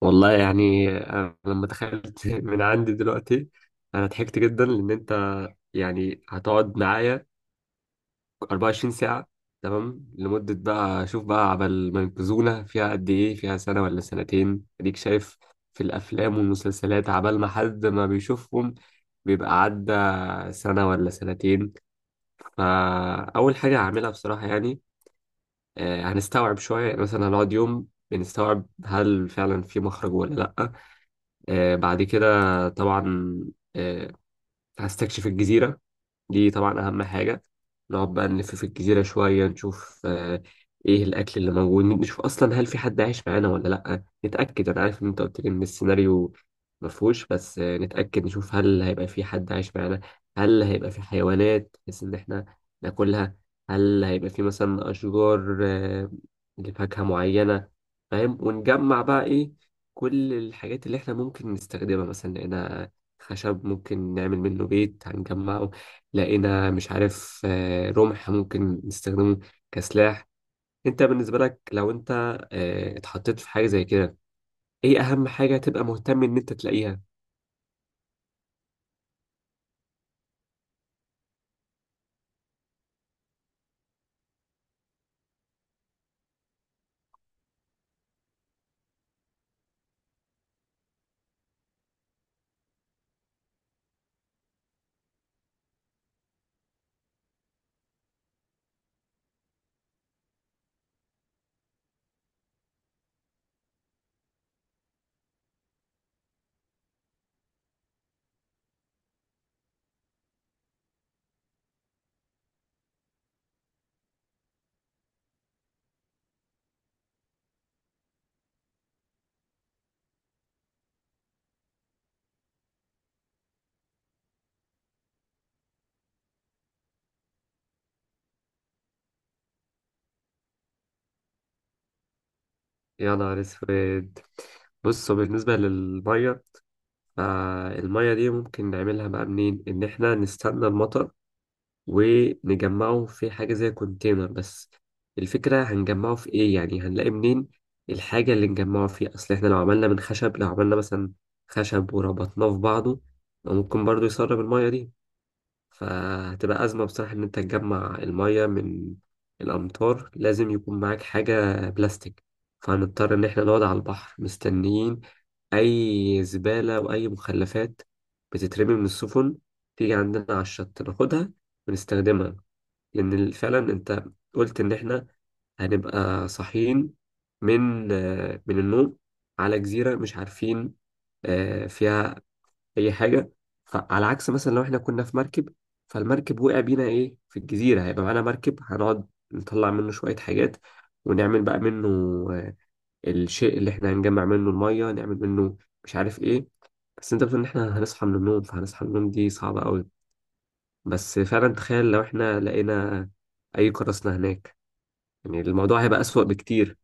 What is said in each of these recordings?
والله يعني أنا لما تخيلت من عندي دلوقتي أنا ضحكت جدا لأن أنت يعني هتقعد معايا 24 ساعة. تمام لمدة بقى شوف بقى عبال ما ينقذونا فيها قد إيه، فيها سنة ولا سنتين؟ أديك شايف في الأفلام والمسلسلات عبال ما حد ما بيشوفهم بيبقى عدى سنة ولا سنتين. فأول حاجة هعملها بصراحة يعني هنستوعب شوية، يعني مثلا هنقعد يوم بنستوعب هل فعلا في مخرج ولا لأ. بعد كده طبعا آه، هستكشف الجزيرة دي طبعا أهم حاجة. نقعد بقى نلف في الجزيرة شوية نشوف إيه الأكل اللي موجود، نشوف أصلا هل في حد عايش معانا ولا لأ، نتأكد. أنا عارف إن أنت قلت لي إن السيناريو مفهوش، بس نتأكد نشوف هل هيبقى في حد عايش معانا، هل هيبقى في حيوانات بحيث إن إحنا ناكلها، هل هيبقى في مثلا أشجار لفاكهة معينة، فاهم؟ ونجمع بقى إيه كل الحاجات اللي إحنا ممكن نستخدمها، مثلا لقينا خشب ممكن نعمل منه بيت هنجمعه، لقينا مش عارف رمح ممكن نستخدمه كسلاح. انت بالنسبة لك لو انت اتحطيت في حاجة زي كده، ايه اهم حاجة تبقى مهتم ان انت تلاقيها؟ يا نهار اسود. بص بالنسبة للمية، فالمية دي ممكن نعملها بقى منين؟ ان احنا نستنى المطر ونجمعه في حاجة زي كونتينر، بس الفكرة هنجمعه في ايه؟ يعني هنلاقي منين الحاجة اللي نجمعه فيه؟ اصل احنا لو عملنا من خشب، لو عملنا مثلا خشب وربطناه في بعضه ممكن برضو يسرب المية دي. فهتبقى أزمة بصراحة إن أنت تجمع المية من الأمطار، لازم يكون معاك حاجة بلاستيك. فهنضطر إن احنا نقعد على البحر مستنيين أي زبالة وأي مخلفات بتترمي من السفن تيجي عندنا على الشط، ناخدها ونستخدمها. لأن فعلا أنت قلت إن إحنا هنبقى صاحيين من من النوم على جزيرة مش عارفين فيها أي حاجة. فعلى عكس مثلا لو إحنا كنا في مركب فالمركب وقع بينا إيه في الجزيرة، هيبقى معانا مركب هنقعد نطلع منه شوية حاجات، ونعمل بقى منه آه، الشيء اللي إحنا هنجمع منه المية، نعمل منه مش عارف إيه. بس أنت بتقول إن إحنا هنصحى من النوم، فهنصحى من النوم دي صعبة أوي. بس فعلا تخيل لو إحنا لقينا أي قراصنة هناك، يعني الموضوع هيبقى أسوأ بكتير.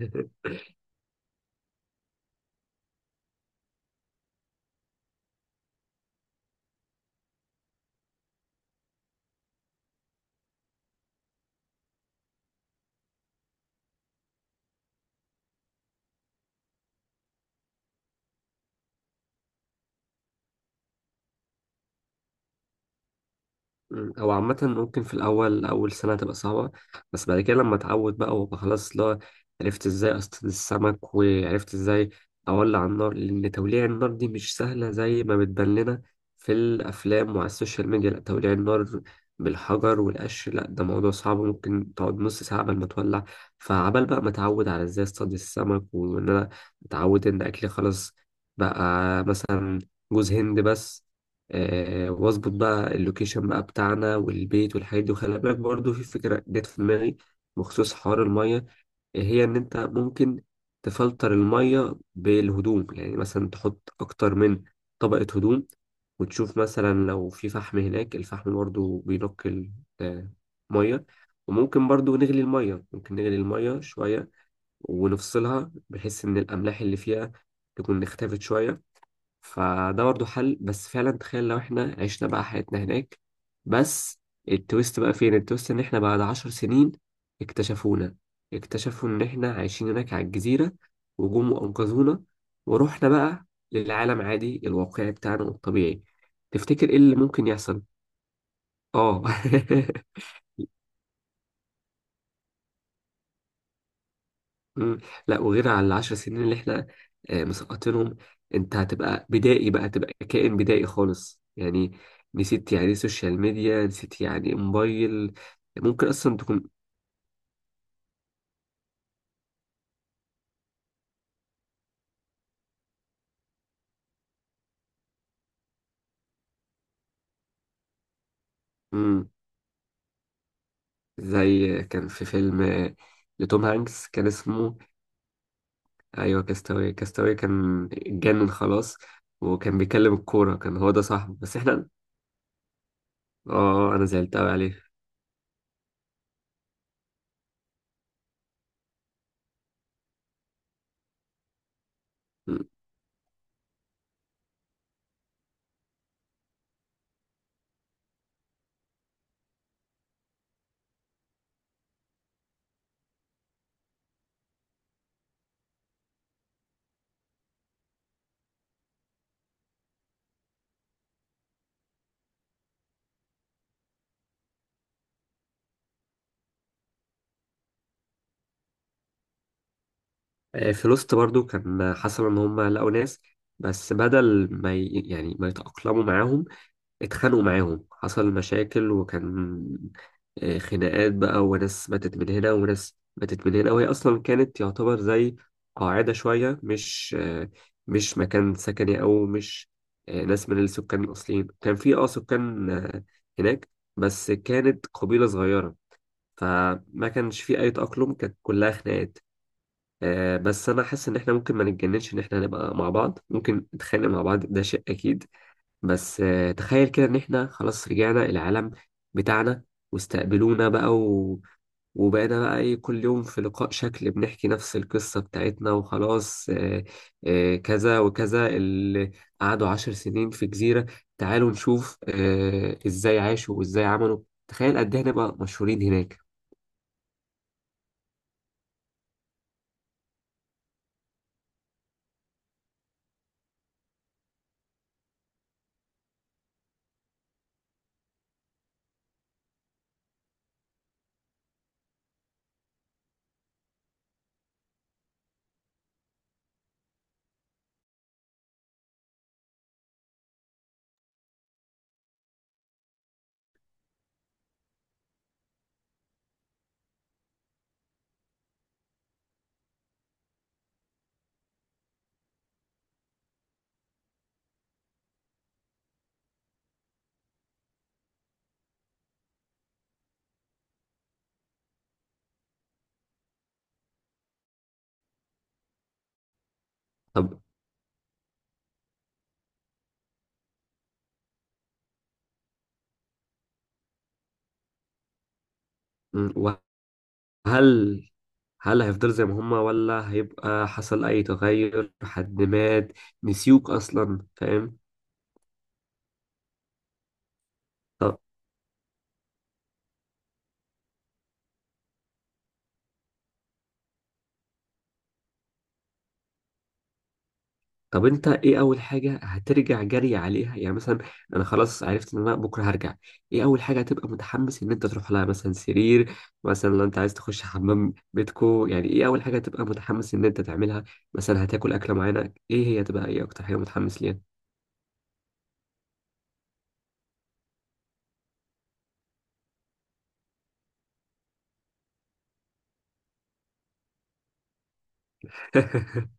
مم. هو عامة ممكن في الأول أول سنة تبقى صعبة، بس بعد كده لما أتعود بقى وأبقى خلاص لا، عرفت إزاي أصطاد السمك وعرفت إزاي أولع النار، لأن توليع النار دي مش سهلة زي ما بتبان لنا في الأفلام وعلى السوشيال ميديا. لأ، توليع النار بالحجر والقش، لأ ده موضوع صعب، ممكن تقعد نص ساعة قبل ما تولع. فعبال بقى ما أتعود على إزاي أصطاد السمك وإن أنا أتعود إن أكلي خلاص بقى مثلا جوز هند بس، واظبط بقى اللوكيشن بقى بتاعنا والبيت والحاجات دي. وخلي بالك برضه في فكرة جت في دماغي بخصوص حوار المية، هي إن أنت ممكن تفلتر المية بالهدوم، يعني مثلا تحط أكتر من طبقة هدوم وتشوف مثلا لو في فحم هناك، الفحم برضه بينقي المية. وممكن برضه نغلي المية، شوية ونفصلها بحيث إن الأملاح اللي فيها تكون اختفت شوية. فده برضه حل. بس فعلا تخيل لو احنا عشنا بقى حياتنا هناك بس. التويست بقى فين؟ التويست ان احنا بعد 10 سنين اكتشفونا، اكتشفوا ان احنا عايشين هناك على الجزيرة، وجم وانقذونا ورحنا بقى للعالم عادي الواقعي بتاعنا الطبيعي. تفتكر ايه اللي ممكن يحصل؟ اه. مم. لا، وغير على ال10 سنين اللي احنا مسقطينهم، انت هتبقى بدائي بقى، تبقى كائن بدائي خالص يعني. نسيت يعني ايه سوشيال ميديا، نسيت يعني ايه موبايل. ممكن اصلا تكون مم. زي كان في فيلم لتوم هانكس كان اسمه. ايوه، كاستاوي كاستاوي كان اتجنن خلاص، وكان بيكلم الكورة كان هو ده صاحبه، بس احنا انا زعلت قوي عليه. في لوست برضو كان حصل ان هم لقوا ناس، بس بدل ما يعني ما يتأقلموا معاهم، اتخانقوا معاهم، حصل مشاكل. وكان خناقات بقى وناس ماتت من هنا وناس ماتت من هنا. وهي اصلا كانت يعتبر زي قاعدة شوية، مش مش مكان سكني، او مش ناس من السكان الاصليين. كان في اه سكان هناك بس كانت قبيلة صغيرة، فما كانش في اي تأقلم، كانت كلها خناقات. بس انا حاسس ان احنا ممكن ما نتجننش، ان احنا نبقى مع بعض ممكن نتخانق مع بعض ده شيء اكيد. بس تخيل كده ان احنا خلاص رجعنا العالم بتاعنا، واستقبلونا بقى وبقينا بقى ايه، كل يوم في لقاء شكل بنحكي نفس القصة بتاعتنا، وخلاص كذا وكذا، اللي قعدوا 10 سنين في جزيرة، تعالوا نشوف ازاي عاشوا وازاي عملوا. تخيل قد ايه هنبقى مشهورين هناك. طب م، وهل هيفضل زي ما هما، ولا هيبقى حصل أي تغير، حد مات، نسيوك أصلا، فاهم؟ طب طب أنت إيه أول حاجة هترجع جري عليها؟ يعني مثلا أنا خلاص عرفت إن أنا بكرة هرجع، إيه أول حاجة هتبقى متحمس إن أنت تروح لها؟ مثلا سرير، مثلا لو أنت عايز تخش حمام بيتكو، يعني إيه أول حاجة هتبقى متحمس إن أنت تعملها؟ مثلا هتاكل أكلة معينة، إيه هي، تبقى إيه أكتر حاجة متحمس ليها؟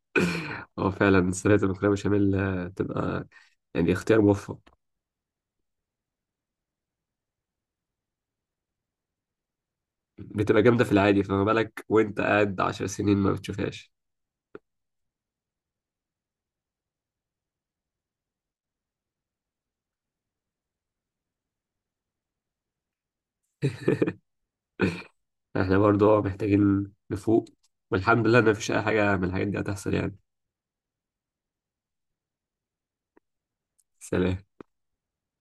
هو فعلا سلطة المكرونة بشاميل تبقى يعني اختيار موفق. بتبقى جامدة في العادي، فما بالك وانت قاعد 10 سنين ما بتشوفهاش. احنا برضو اه محتاجين نفوق، والحمد لله ان مفيش اي حاجة من الحاجات دي هتحصل يعني. سلام.